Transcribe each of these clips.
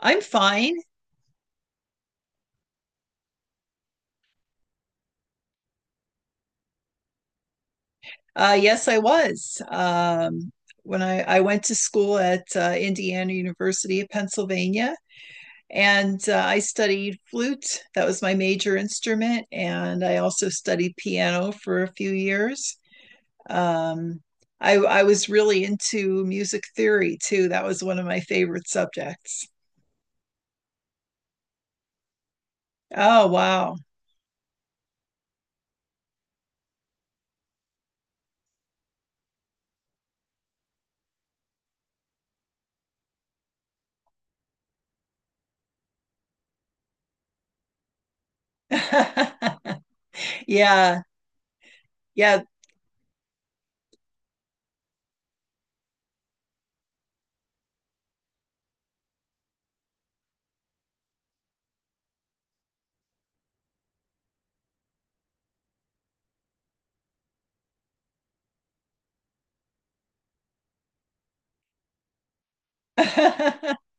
I'm fine. Yes, I was. When I went to school at Indiana University of Pennsylvania, and I studied flute. That was my major instrument, and I also studied piano for a few years. Um, I was really into music theory too. That was one of my favorite subjects. Oh, wow. Yeah, yeah.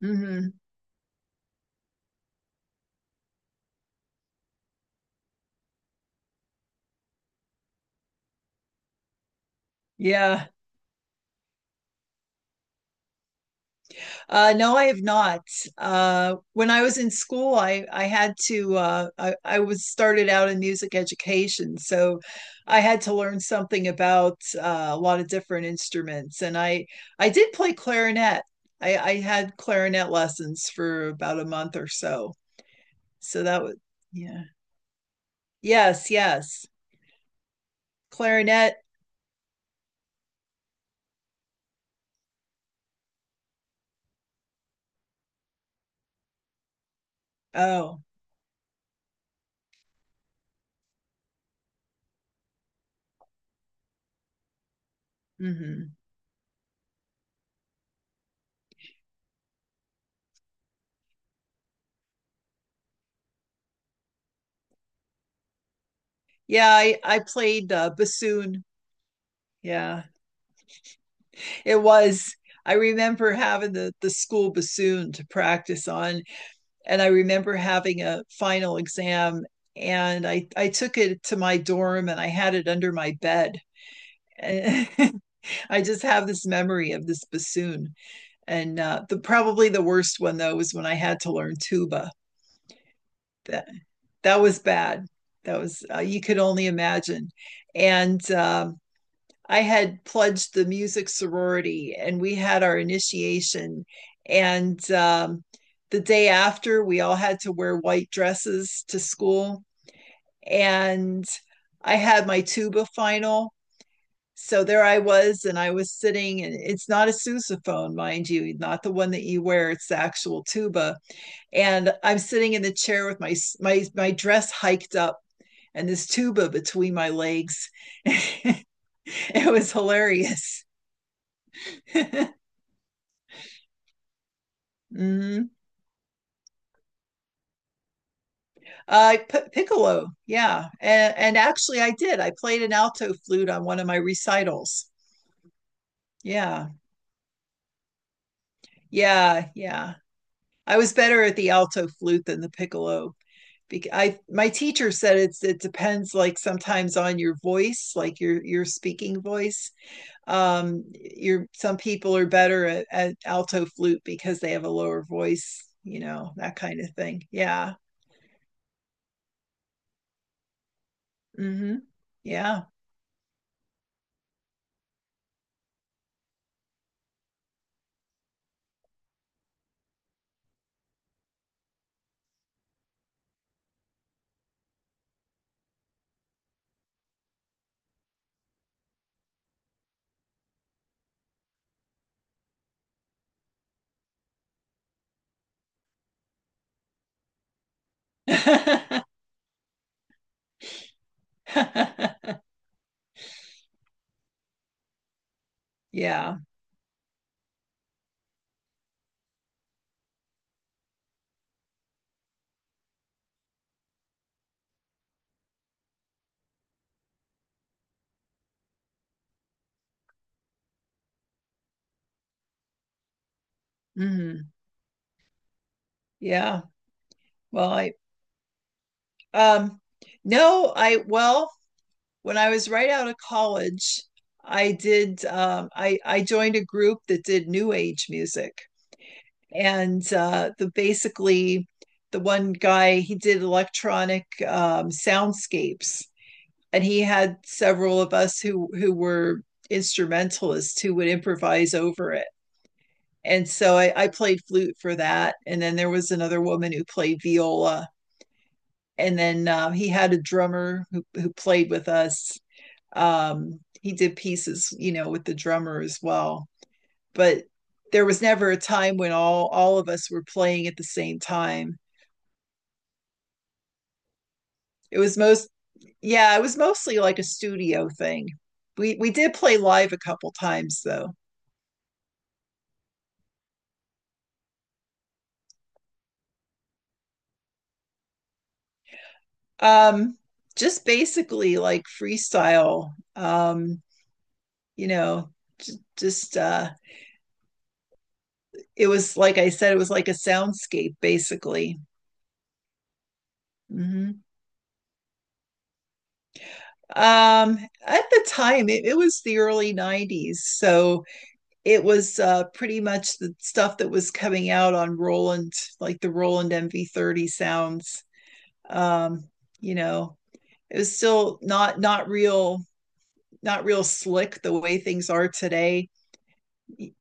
Hmm. Yeah. No, I have not. When I was in school, I had to. I was started out in music education, so I had to learn something about a lot of different instruments. And I did play clarinet. I had clarinet lessons for about a month or so. So that was yeah. Yes, yes. Clarinet. Oh, hmm. Yeah, I played bassoon. Yeah. It was. I remember having the school bassoon to practice on, and I remember having a final exam. And I took it to my dorm and I had it under my bed. And I just have this memory of this bassoon. And the probably the worst one though was when I had to learn tuba. That that was bad. That was you could only imagine. And I had pledged the music sorority and we had our initiation. And the day after, we all had to wear white dresses to school. And I had my tuba final. So there I was, and I was sitting, and it's not a sousaphone, mind you, not the one that you wear. It's the actual tuba, and I'm sitting in the chair with my my dress hiked up and this tuba between my legs. It was hilarious. Mm-hmm. Piccolo, yeah, and actually, I did. I played an alto flute on one of my recitals. Yeah, yeah, yeah. I was better at the alto flute than the piccolo. I my teacher said it's it depends like sometimes on your voice, like your speaking voice. Your some people are better at alto flute because they have a lower voice, you know, that kind of thing. Yeah. Mm-hmm. Yeah. Yeah. Hmm. Yeah. Well, I um no, I well, when I was right out of college, I did I joined a group that did new age music. And the basically the one guy he did electronic soundscapes and he had several of us who were instrumentalists who would improvise over it. And so I played flute for that. And then there was another woman who played viola. And then he had a drummer who played with us. He did pieces, you know, with the drummer as well, but there was never a time when all of us were playing at the same time. It was most Yeah, it was mostly like a studio thing. We did play live a couple times though. um just basically like freestyle. Um you know j- just It was like I said, it was like a soundscape basically. Mm-hmm. Um, at the time, it was the early 90s. So it was pretty much the stuff that was coming out on Roland, like the Roland MV30 sounds. Um, you know, it was still not real, not real slick the way things are today.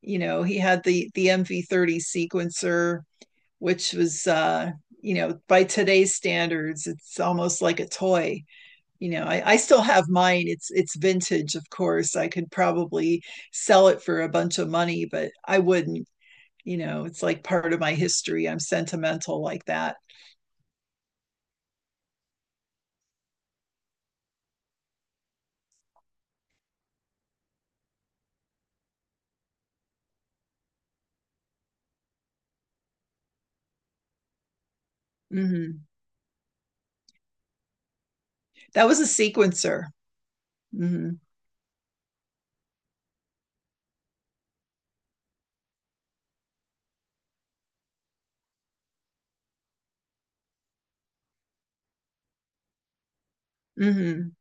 You know, he had the MV30 sequencer, which was you know, by today's standards, it's almost like a toy. You know, I still have mine, it's vintage of course. I could probably sell it for a bunch of money but I wouldn't. You know, it's like part of my history, I'm sentimental like that. Mm-hmm. That was a sequencer. Mm-hmm. Mm-hmm.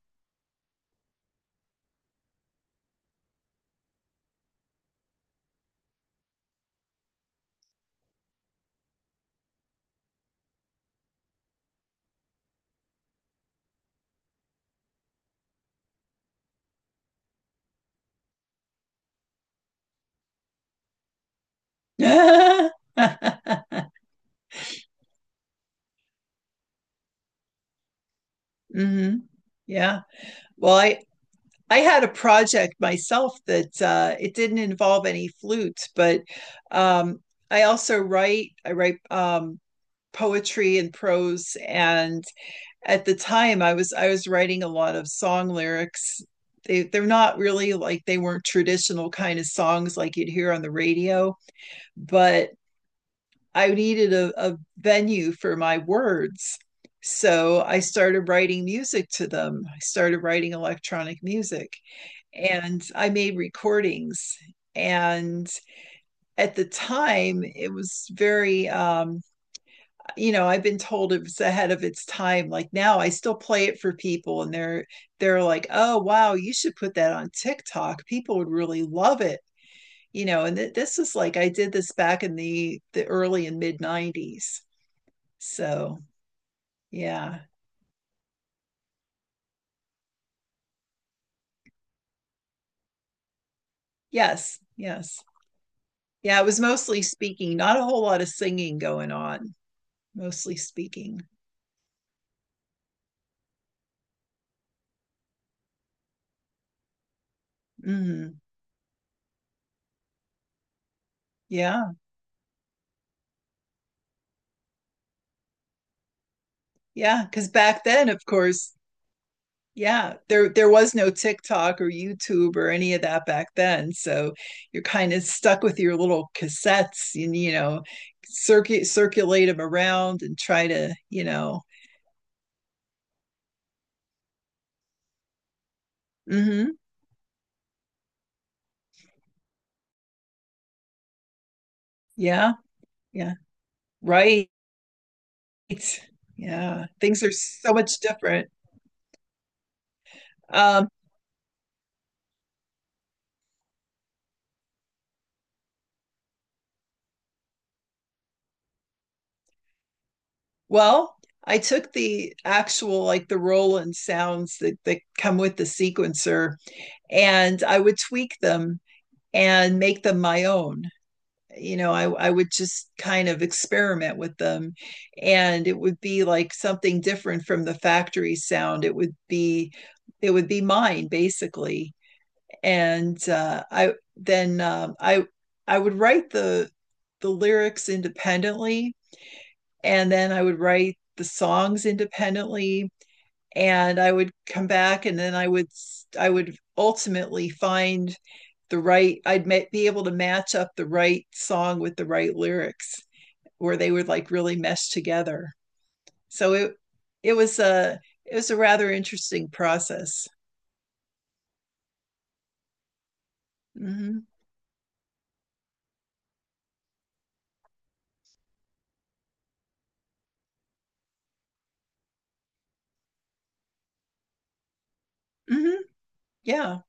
Mm-hmm. Yeah, well, I had a project myself that it didn't involve any flute, but um, I also write. I write poetry and prose, and at the time I was writing a lot of song lyrics. They they're not really like they weren't traditional kind of songs like you'd hear on the radio, but I needed a venue for my words. So I started writing music to them. I started writing electronic music and I made recordings. And at the time, it was very you know, I've been told it was ahead of its time. Like now I still play it for people and they're like, oh wow, you should put that on TikTok, people would really love it. You know, and this is like I did this back in the early and mid 90s, so yeah. Yes, yes. Yeah, it was mostly speaking, not a whole lot of singing going on, mostly speaking. Hmm. Yeah, yeah, because back then of course. Yeah, there was no TikTok or YouTube or any of that back then. So you're kind of stuck with your little cassettes and, you know, circuit circulate them around and try to, you know. Hmm. Yeah, yeah. Right. Yeah. Things are so much different. Um, well, I took the actual like the Roland sounds that, that come with the sequencer and I would tweak them and make them my own. You know, I would just kind of experiment with them and it would be like something different from the factory sound, it would be, it would be mine basically. And I would write the lyrics independently, and then I would write the songs independently, and I would come back and then I would, I would ultimately find the right, I'd be able to match up the right song with the right lyrics where they would like really mesh together. So it was a, it was a rather interesting process. Mm-hmm. Mm-hmm. Yeah.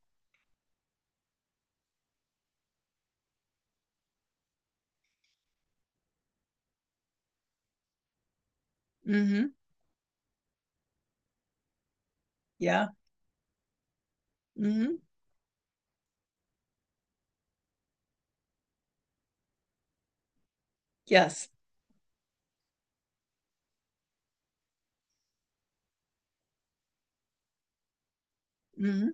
Mm-hmm. Yeah. Mm-hmm. Yes. Mm-hmm.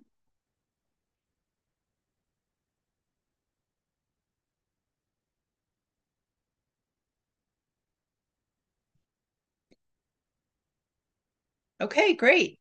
Okay, great.